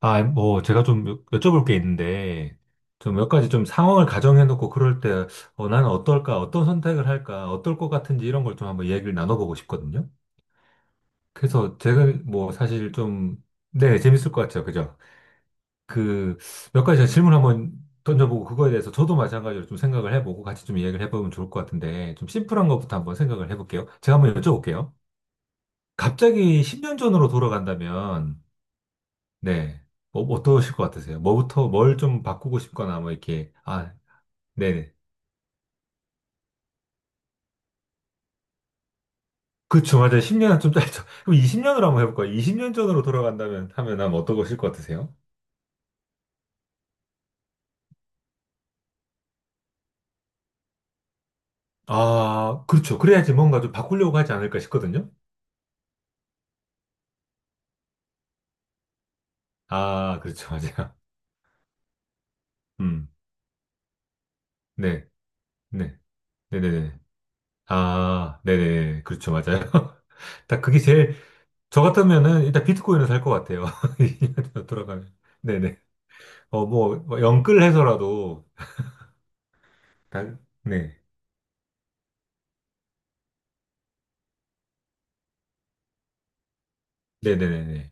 아, 뭐, 제가 좀 여쭤볼 게 있는데, 좀 몇 가지 좀 상황을 가정해놓고 그럴 때, 어, 나는 어떨까, 어떤 선택을 할까, 어떨 것 같은지 이런 걸 좀 한번 얘기를 나눠보고 싶거든요. 그래서 제가 뭐, 사실 좀, 네, 재밌을 것 같아요. 그죠? 그, 몇 가지 제가 질문 한번 던져보고 그거에 대해서 저도 마찬가지로 좀 생각을 해보고 같이 좀 이야기를 해보면 좋을 것 같은데, 좀 심플한 것부터 한번 생각을 해볼게요. 제가 한번 여쭤볼게요. 갑자기 10년 전으로 돌아간다면, 네. 뭐 어떠실 것 같으세요? 뭐부터, 뭘 좀 바꾸고 싶거나, 뭐, 이렇게. 아, 네네. 그쵸, 맞아요. 10년은 좀 짧죠. 그럼 20년으로 한번 해볼까요? 20년 전으로 돌아간다면, 하면 아마 어떠실 것 같으세요? 아, 그렇죠. 그래야지 뭔가 좀 바꾸려고 하지 않을까 싶거든요. 아, 그렇죠. 맞아요. 음, 네, 네, 네네네. 아, 네네. 그렇죠. 맞아요. 딱 그게 제일, 저 같으면은 일단 비트코인을 살 것 같아요. 20년 전으로 돌아가면. 네네. 어, 뭐 영끌해서라도, 다- 네. 네네네네.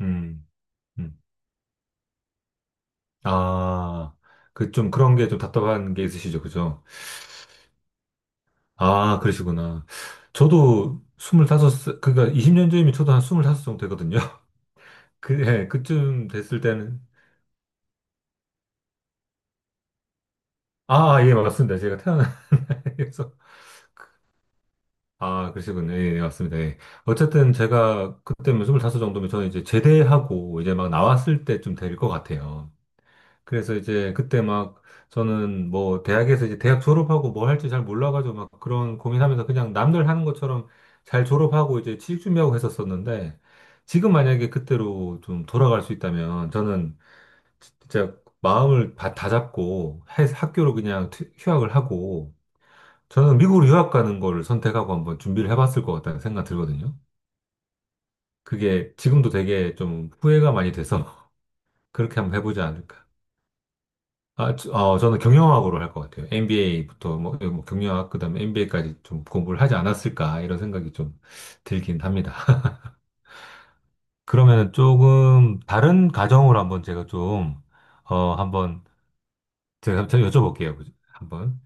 음, 음. 아, 그 좀 그런 게 좀 답답한 게 있으시죠, 그죠? 아, 그러시구나. 저도 25, 그러니까 20년 전이면 저도 한 25살 정도 되거든요. 그, 예, 그쯤 됐을 때는, 아, 예, 맞습니다. 제가 태어난 서 아, 그러시군요. 예, 예, 맞습니다. 예. 어쨌든 제가 그때면 25 정도면 저는 이제 제대하고 이제 막 나왔을 때쯤 될 것 같아요. 그래서 이제 그때 막 저는 뭐 대학에서 이제 대학 졸업하고 뭐 할지 잘 몰라가지고 막 그런 고민하면서 그냥 남들 하는 것처럼 잘 졸업하고 이제 취직 준비하고 했었었는데 지금 만약에 그때로 좀 돌아갈 수 있다면 저는 진짜 마음을 다 잡고 학교로 그냥 휴학을 하고 저는 미국으로 유학 가는 거를 선택하고 한번 준비를 해봤을 것 같다는 생각 들거든요. 그게 지금도 되게 좀 후회가 많이 돼서 그렇게 한번 해보지 않을까. 아, 저는 경영학으로 할 것 같아요. MBA부터 뭐 경영학 그다음에 MBA까지 좀 공부를 하지 않았을까 이런 생각이 좀 들긴 합니다. 그러면 조금 다른 가정으로 한번 제가 좀 어, 한번 제가 제 여쭤볼게요. 그죠? 한번.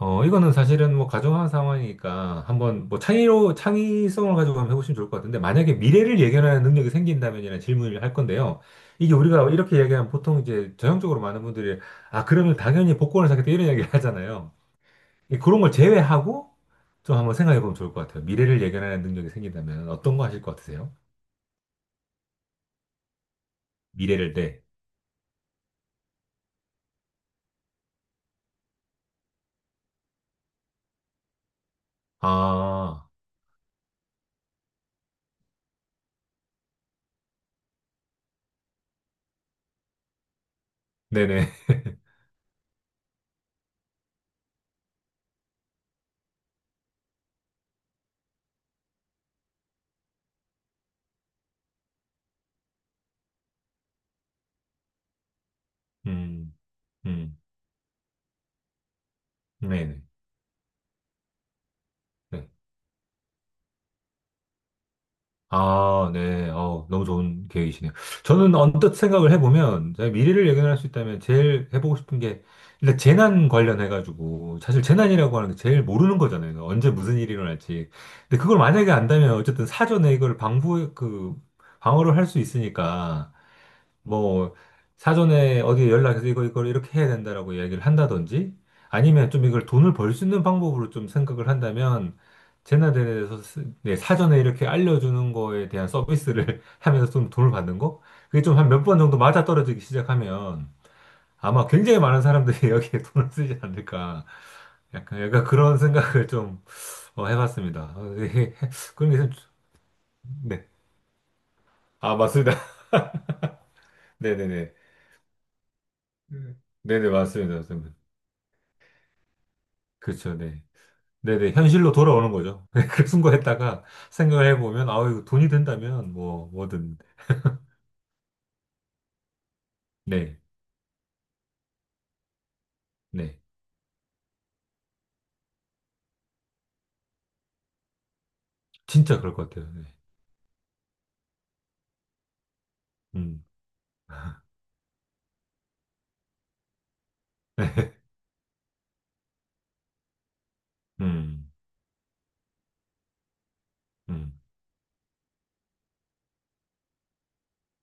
어, 이거는 사실은 뭐 가정한 상황이니까 한번 뭐 창의로 창의성을 가지고 한번 해보시면 좋을 것 같은데, 만약에 미래를 예견하는 능력이 생긴다면이라는 질문을 할 건데요. 이게 우리가 이렇게 얘기하면 보통 이제 전형적으로 많은 분들이 아, 그러면 당연히 복권을 사겠다 이런 이야기를 하잖아요. 그런 걸 제외하고 좀 한번 생각해 보면 좋을 것 같아요. 미래를 예견하는 능력이 생긴다면 어떤 거 하실 것 같으세요? 미래를, 네. 아, 네네. 음, 음, 네네. 네. 아, 네. 어, 너무 좋은 계획이시네요. 저는 언뜻 생각을 해보면, 제가 미래를 예견할 수 있다면 제일 해보고 싶은 게, 일단 재난 관련해가지고, 사실 재난이라고 하는 게 제일 모르는 거잖아요. 그러니까 언제 무슨 일이 일어날지. 근데 그걸 만약에 안다면, 어쨌든 사전에 이걸 방부, 그, 방어를 할 수 있으니까, 뭐 사전에 어디 연락해서 이거 이걸 이렇게 해야 된다라고 이야기를 한다든지, 아니면 좀 이걸 돈을 벌 수 있는 방법으로 좀 생각을 한다면 재나대에서 네, 사전에 이렇게 알려주는 거에 대한 서비스를 하면서 좀 돈을 받는 거, 그게 좀 한 몇 번 정도 맞아떨어지기 시작하면 아마 굉장히 많은 사람들이 여기에 돈을 쓰지 않을까, 약간 그런 생각을 좀 어, 해봤습니다. 어, 이게 그런 게 좀, 네. 아, 맞습니다. 네네네. 네네, 맞습니다. 맞습니다. 그렇죠, 네. 네네, 현실로 돌아오는 거죠. 그 순간에다가 생각을 해보면, 아우, 이거 돈이 된다면, 뭐든. 네, 네. 진짜 그럴 것 같아요. 네. 음, 음, 음.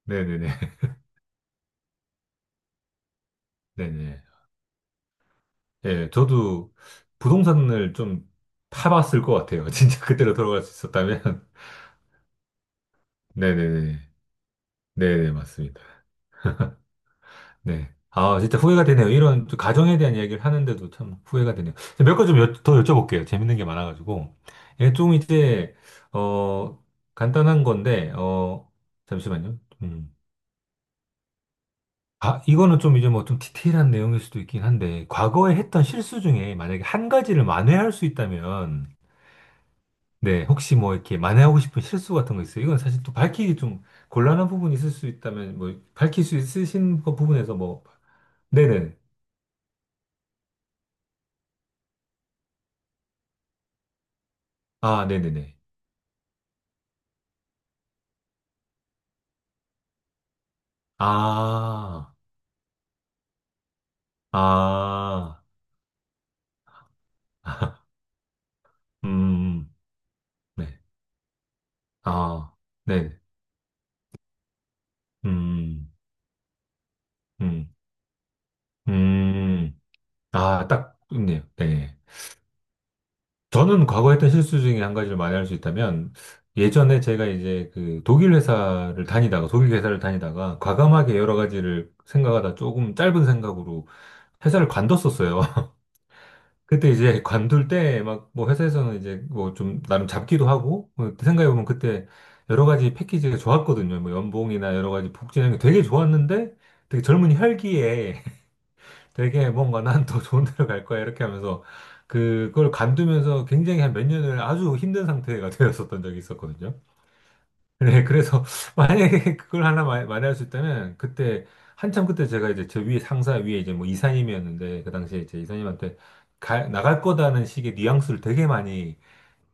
네네네, 네네. 예, 저도 부동산을 좀 타봤을 것 같아요. 진짜 그때로 돌아갈 수 있었다면. 네네네. 네네, 맞습니다. 네. 아, 진짜 후회가 되네요. 이런 또 가정에 대한 이야기를 하는데도 참 후회가 되네요. 몇 가지 좀더 여쭤볼게요. 재밌는 게 많아가지고. 예, 좀 이제, 어, 간단한 건데, 어, 잠시만요. 음. 아, 이거는 좀 이제 뭐 좀 디테일한 내용일 수도 있긴 한데, 과거에 했던 실수 중에 만약에 한 가지를 만회할 수 있다면, 네, 혹시 뭐 이렇게 만회하고 싶은 실수 같은 거 있어요? 이건 사실 또 밝히기 좀 곤란한 부분이 있을 수 있다면, 뭐, 밝힐 수 있으신 그 부분에서 뭐, 네네. 아, 네네네. 아, 아, 음, 네, 아, 네, 음, 음, 음, 아, 딱 있네요. 네. 저는 과거 했던 실수 중에 한 가지를 말할 수 있다면, 예전에 제가 이제 그 독일 회사를 다니다가, 과감하게 여러 가지를 생각하다 조금 짧은 생각으로 회사를 관뒀었어요. 그때 이제 관둘 때 막 뭐 회사에서는 이제 뭐 좀 나름 잡기도 하고 뭐 생각해보면 그때 여러 가지 패키지가 좋았거든요. 뭐 연봉이나 여러 가지 복지나 이런 게 되게 좋았는데 되게 젊은 혈기에 되게 뭔가 난 더 좋은 데로 갈 거야 이렇게 하면서 그걸 관두면서 굉장히 한 몇 년을 아주 힘든 상태가 되었었던 적이 있었거든요. 그래, 그래서 만약에 그걸 하나 마련할 수 있다면 그때 한참 그때 제가 이제 저 위에 상사 위에 이제 뭐 이사님이었는데, 그 당시에 이제 이사님한테 나갈 거다는 식의 뉘앙스를 되게 많이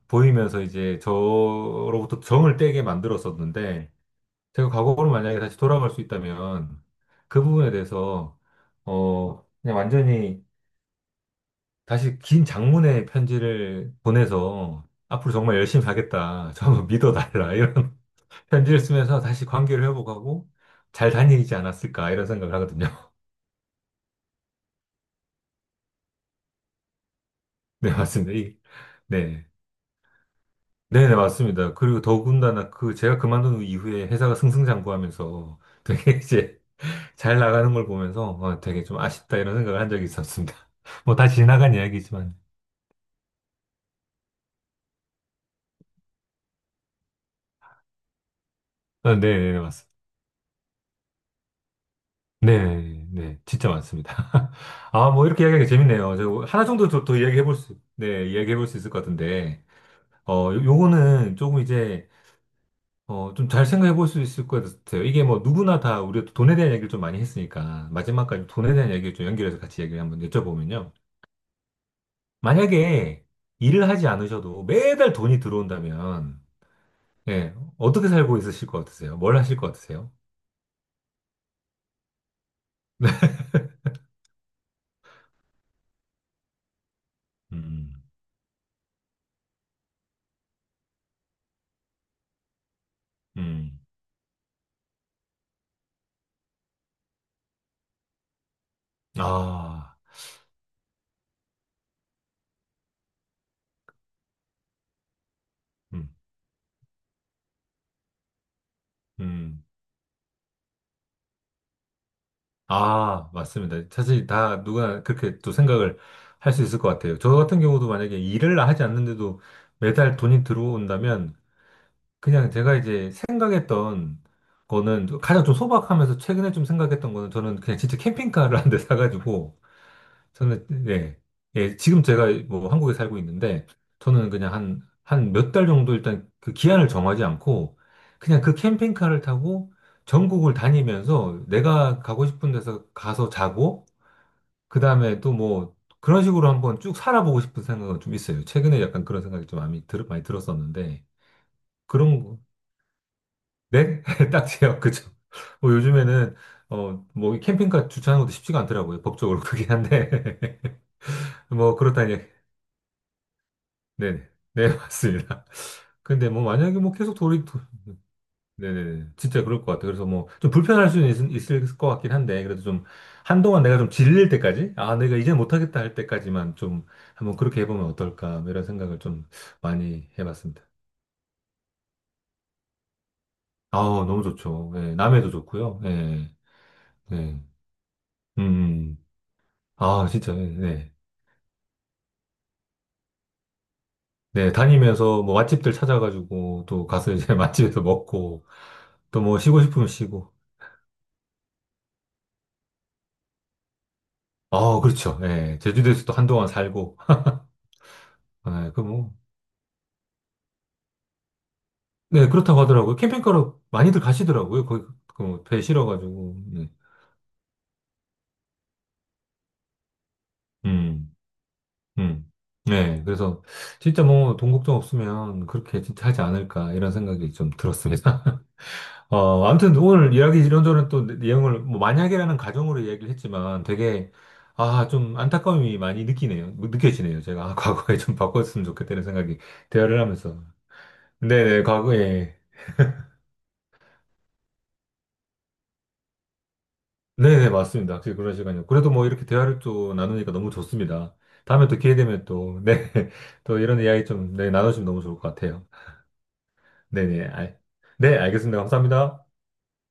보이면서 이제 저로부터 정을 떼게 만들었었는데 제가 과거로 만약에 다시 돌아갈 수 있다면 그 부분에 대해서 어 그냥 완전히 다시 긴 장문의 편지를 보내서 앞으로 정말 열심히 하겠다. 저 한번 믿어달라. 이런 편지를 쓰면서 다시 관계를 회복하고 잘 다니지 않았을까 이런 생각을 하거든요. 네, 맞습니다. 네. 네네, 맞습니다. 그리고 더군다나 그 제가 그만둔 이후에 회사가 승승장구하면서 되게 이제 잘 나가는 걸 보면서 어, 되게 좀 아쉽다 이런 생각을 한 적이 있었습니다. 뭐 다 지나간 이야기지만. 어, 네네네, 맞습니다. 네네네, 네, 네, 진짜 많습니다. 아, 뭐 이렇게 이야기하기 재밌네요. 제가 하나 정도 더 이야기해볼 수, 네, 이야기해볼 수 있을 것 같은데. 어, 요거는 조금 이제 어, 좀 잘 생각해 볼 수 있을 것 같아요. 이게 뭐 누구나 다 우리가 돈에 대한 얘기를 좀 많이 했으니까 마지막까지 돈에 대한 얘기를 좀 연결해서 같이 얘기를 한번 여쭤보면요. 만약에 일을 하지 않으셔도 매달 돈이 들어온다면, 예, 어떻게 살고 있으실 것 같으세요? 뭘 하실 것 같으세요? 음, 음, 아, 음, 음, 아, 맞습니다. 사실 다 누가 그렇게 또 생각을 할 수 있을 것 같아요. 저 같은 경우도 만약에 일을 하지 않는데도 매달 돈이 들어온다면 그냥 제가 이제 생각했던 거는 좀- 가장 좀 소박하면서 최근에 좀 생각했던 거는 저는 그냥 진짜 캠핑카를 한 대 사가지고 저는 예, 예, 지금 제가 뭐 한국에 살고 있는데 저는 그냥 한 몇 달 정도 일단 그 기한을 정하지 않고 그냥 그 캠핑카를 타고 전국을 다니면서 내가 가고 싶은 데서 가서 자고 그 다음에 또 뭐 그런 식으로 한번 쭉 살아보고 싶은 생각은 좀 있어요. 최근에 약간 그런 생각이 좀 많이 들었었는데 그런 거. 네? 딱지요. 그죠. 뭐 요즘에는 어, 뭐이 캠핑카 주차하는 것도 쉽지가 않더라고요. 법적으로 그긴 한데. 뭐 그렇다니. 네네. 네, 맞습니다. 근데 뭐 만약에 뭐 계속 네네네. 진짜 그럴 것 같아요. 그래서 뭐 좀 불편할 수는 있, 을것 같긴 한데 그래도 좀 한동안 내가 좀 질릴 때까지 아, 내가 이제 못하겠다 할 때까지만 좀 한번 그렇게 해보면 어떨까 뭐 이런 생각을 좀 많이 해봤습니다. 아우, 너무 좋죠. 예, 남해도 좋고요. 예. 네. 음. 음. 아, 진짜, 예, 네. 네, 다니면서 뭐 맛집들 찾아가지고 또 가서 이제 맛집에서 먹고 또 뭐 쉬고 싶으면 쉬고. 아, 그렇죠. 예. 제주도에서 또 한동안 살고. 예, 그 뭐. 네, 그렇다고 하더라고요. 캠핑카로 많이들 가시더라고요. 거기 그배 실어가지고. 네. 음, 음. 네, 그래서 진짜 뭐 돈 걱정 없으면 그렇게 진짜 하지 않을까 이런 생각이 좀 들었습니다. 어, 아무튼 오늘 이야기 이런저런 또 내용을 뭐 만약이라는 가정으로 이야기를 했지만 되게 아, 좀 안타까움이 많이 느끼네요. 뭐 느껴지네요. 제가 아, 과거에 좀 바꿨으면 좋겠다는 생각이 대화를 하면서. 네네, 과거에. 네네, 맞습니다. 확실히 그런 시간이요. 그래도 뭐 이렇게 대화를 또 나누니까 너무 좋습니다. 다음에 또 기회 되면 또, 네, 또 이런 이야기 좀 네, 나눠주면 너무 좋을 것 같아요. 네네, 알, 네, 알겠습니다. 감사합니다.